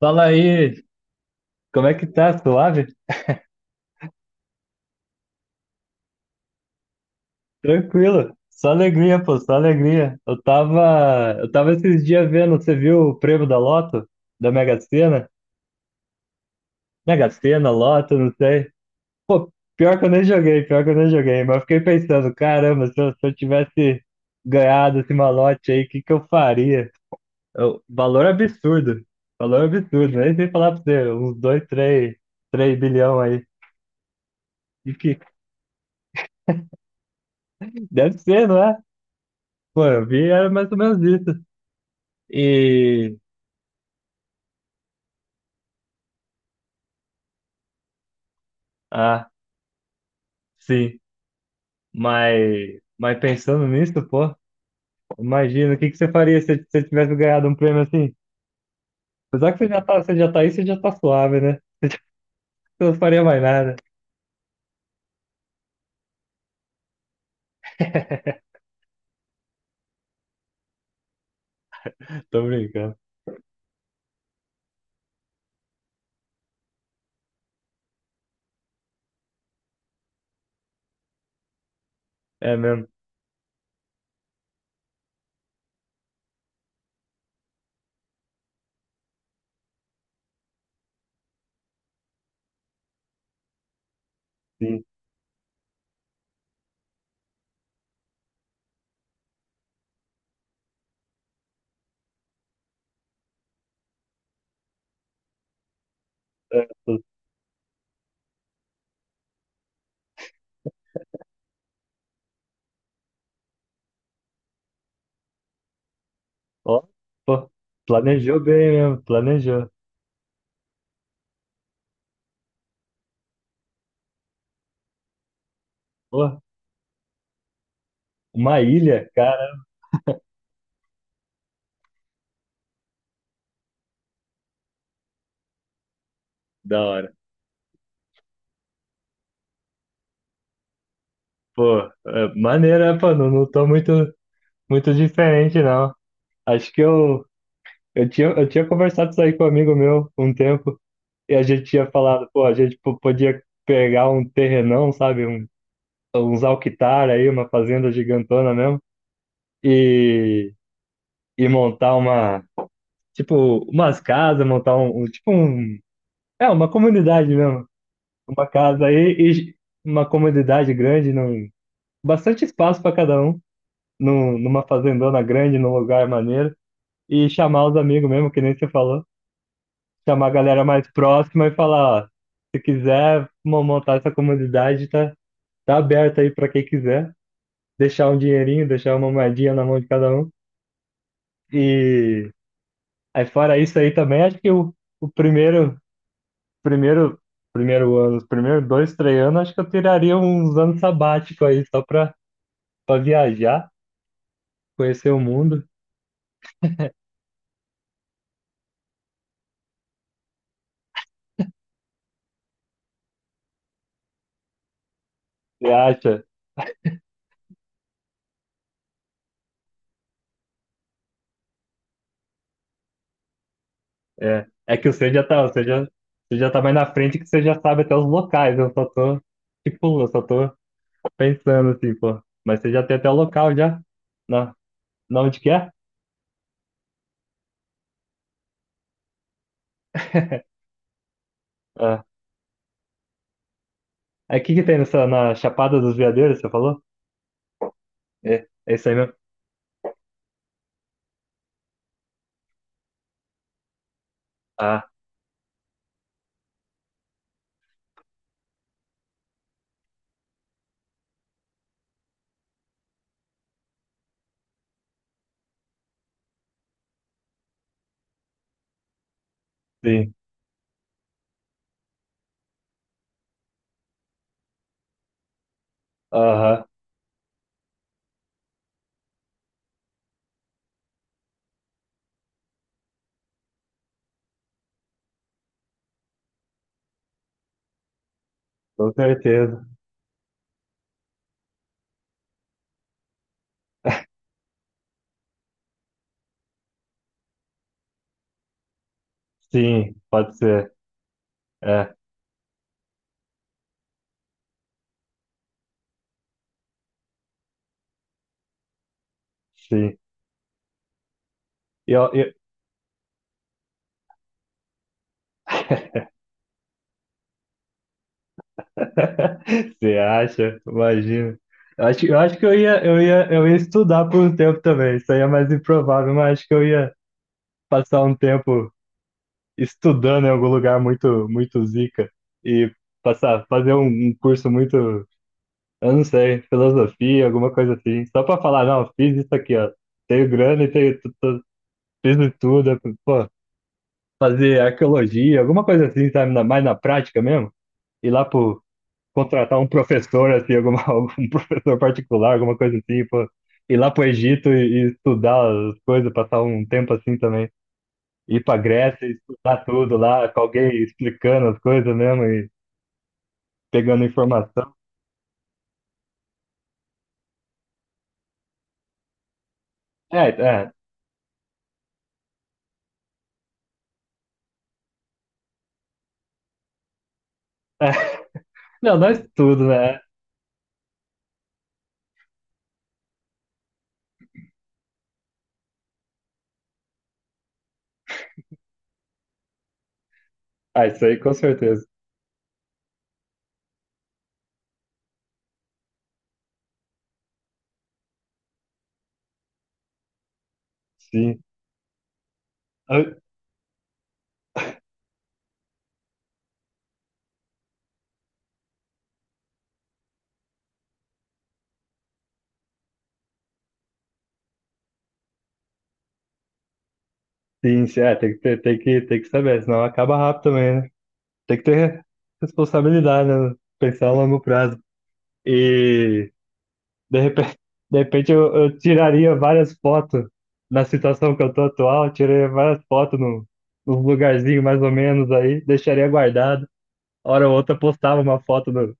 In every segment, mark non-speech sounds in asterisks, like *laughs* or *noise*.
Fala aí, como é que tá? Suave? Tranquilo. Só alegria, pô, só alegria. Eu tava esses dias vendo, você viu o prêmio da Loto? Da Mega Sena? Mega Sena, Loto, não sei. Pô, pior que eu nem joguei, pior que eu nem joguei, mas eu fiquei pensando, caramba, se eu tivesse ganhado esse malote aí, o que que eu faria? Valor absurdo, valor absurdo, nem sei falar pra você, uns 2 três bilhão aí. E que, *laughs* deve ser, não é? Pô, eu vi, era mais ou menos isso. E ah, sim. Mas pensando nisso, pô, imagina o que que você faria se você tivesse ganhado um prêmio assim? Apesar que você já tá aí, você já tá suave, né? Você não faria mais nada. *laughs* Tô brincando. É mesmo. Sim. É, ó, pô, planejou bem mesmo, planejou. Pô, uma ilha, cara, da hora. Pô, é, maneira, pô, não, não tô muito, muito diferente, não. Acho que eu tinha conversado isso aí com um amigo meu um tempo. E a gente tinha falado, pô, a gente podia pegar um terrenão, sabe? Uns alquitar aí, uma fazenda gigantona mesmo, e, e montar tipo, umas casas, montar uma comunidade mesmo. Uma casa aí e uma comunidade grande, bastante espaço para cada um, numa fazendona grande, num lugar maneiro, e chamar os amigos mesmo, que nem você falou, chamar a galera mais próxima e falar, ó, se quiser montar essa comunidade, tá? Tá aberto aí para quem quiser. Deixar um dinheirinho, deixar uma moedinha na mão de cada um. E aí fora isso aí também, acho que o primeiro, primeiro ano, os primeiros 2, 3 anos, acho que eu tiraria uns anos sabático aí só para viajar, conhecer o mundo. Você acha? É, é que você já tá mais na frente que você já sabe até os locais. Tipo, eu só tô pensando assim, pô. Mas você já tem até o local já? Na, na onde que é? É. Aí o que que tem na Chapada dos Veadeiros, você falou? É, é isso aí mesmo? Ah, sim. Aham, com certeza. Sim, pode ser. É, sim. E Eu, eu... *laughs* Você acha? Imagina. Eu acho que eu ia estudar por um tempo também. Isso aí é mais improvável, mas acho que eu ia passar um tempo estudando em algum lugar muito, muito zica e fazer um curso muito. Eu não sei, filosofia, alguma coisa assim. Só pra falar, não, fiz isso aqui, ó. Tenho grana e fiz de tudo. Pô, fazer arqueologia, alguma coisa assim, sabe? Mais na prática mesmo. Ir lá pro, Contratar um professor, assim, *laughs* um professor particular, alguma coisa assim, pô. Ir lá pro Egito e estudar as coisas, passar um tempo assim também. Ir pra Grécia e estudar tudo lá, com alguém explicando as coisas mesmo e pegando informação. É, é. *laughs* É. Não, não é tudo, né? Ah, isso aí com certeza. Sim. Ah, sim, sim. É, tem que ter, tem que saber, senão acaba rápido também, né? Tem que ter responsabilidade, né? Pensar a longo prazo. E de repente, de repente eu tiraria várias fotos na situação que eu tô atual, eu tiraria várias fotos no, nos lugarzinho mais ou menos aí, deixaria guardado. Hora ou outra postava uma foto no,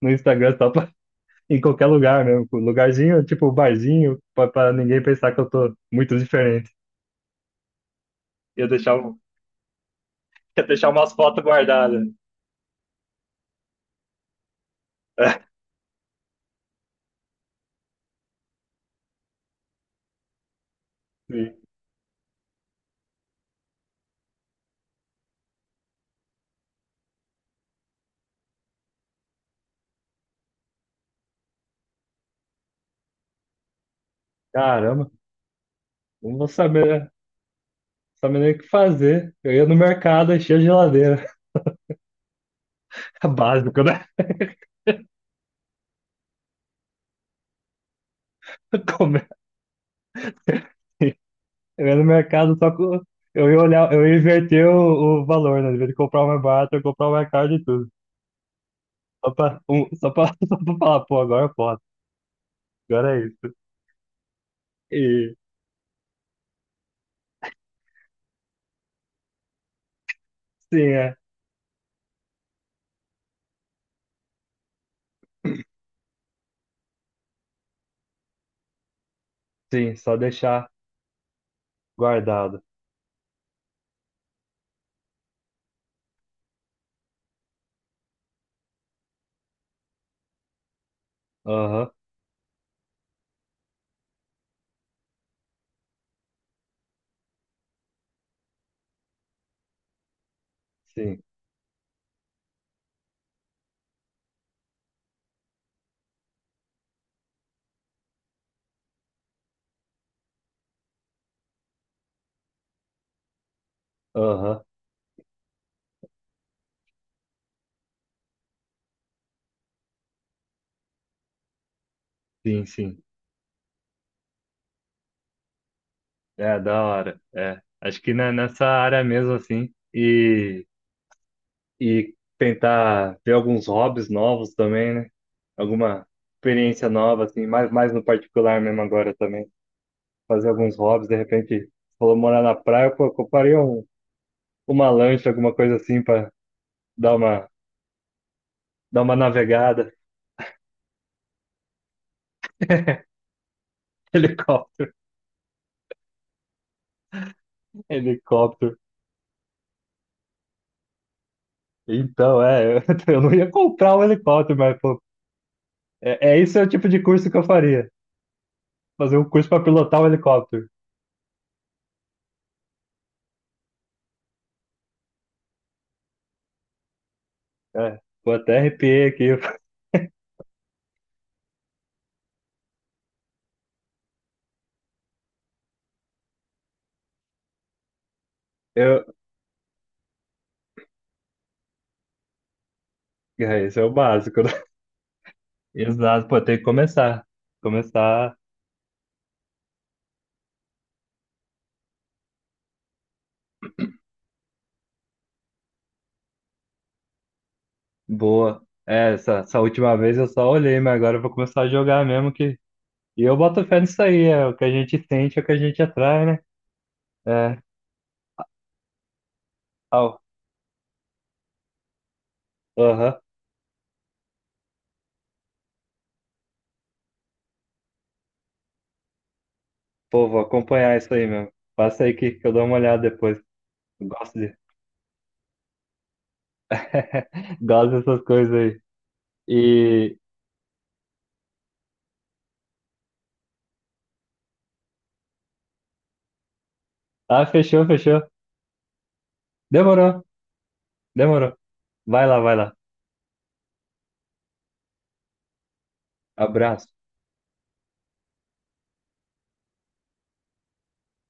no Instagram *laughs* em qualquer lugar mesmo. Com lugarzinho, tipo barzinho, pra ninguém pensar que eu tô muito diferente. Eu deixava Quer deixar umas fotos guardadas. *laughs* Caramba, não vou saber nem o que fazer. Eu ia no mercado, enchia a geladeira. *laughs* Básico, né? *laughs* Como é? Eu ia no mercado só com. Eu ia inverter o valor, né? Em vez de comprar o mais barato, eu ia comprar o mais caro de tudo. Só pra, um, só pra, *laughs* Só pra falar, pô, agora é isso. E sim, é. Sim, só deixar guardado. Aham, sim. Aham, sim, sim. É, da hora. É. Acho que nessa área mesmo, assim. E tentar ver alguns hobbies novos também, né? Alguma experiência nova, assim, mais no particular mesmo agora também. Fazer alguns hobbies, de repente, você falou morar na praia, pô, compraria uma lancha, alguma coisa assim, pra dar uma, dar uma navegada. *laughs* Helicóptero, helicóptero. Então, *laughs* eu não ia comprar um helicóptero, mas, pô, é esse é o tipo de curso que eu faria. Fazer um curso para pilotar um helicóptero. É, pô, até arrepiei aqui. Eu, isso é o básico, né? *laughs* Exato, pô, tem que começar. Começar boa. É, essa última vez eu só olhei, mas agora eu vou começar a jogar mesmo que. E eu boto fé nisso aí, é o que a gente sente, é o que a gente atrai, né? É, au, aham. Pô, vou acompanhar isso aí mesmo. Passa aí que eu dou uma olhada depois. Eu Gosto de. *laughs* Gosto dessas coisas aí. E. Ah, fechou, fechou. Demorou, demorou. Vai lá, vai lá. Abraço.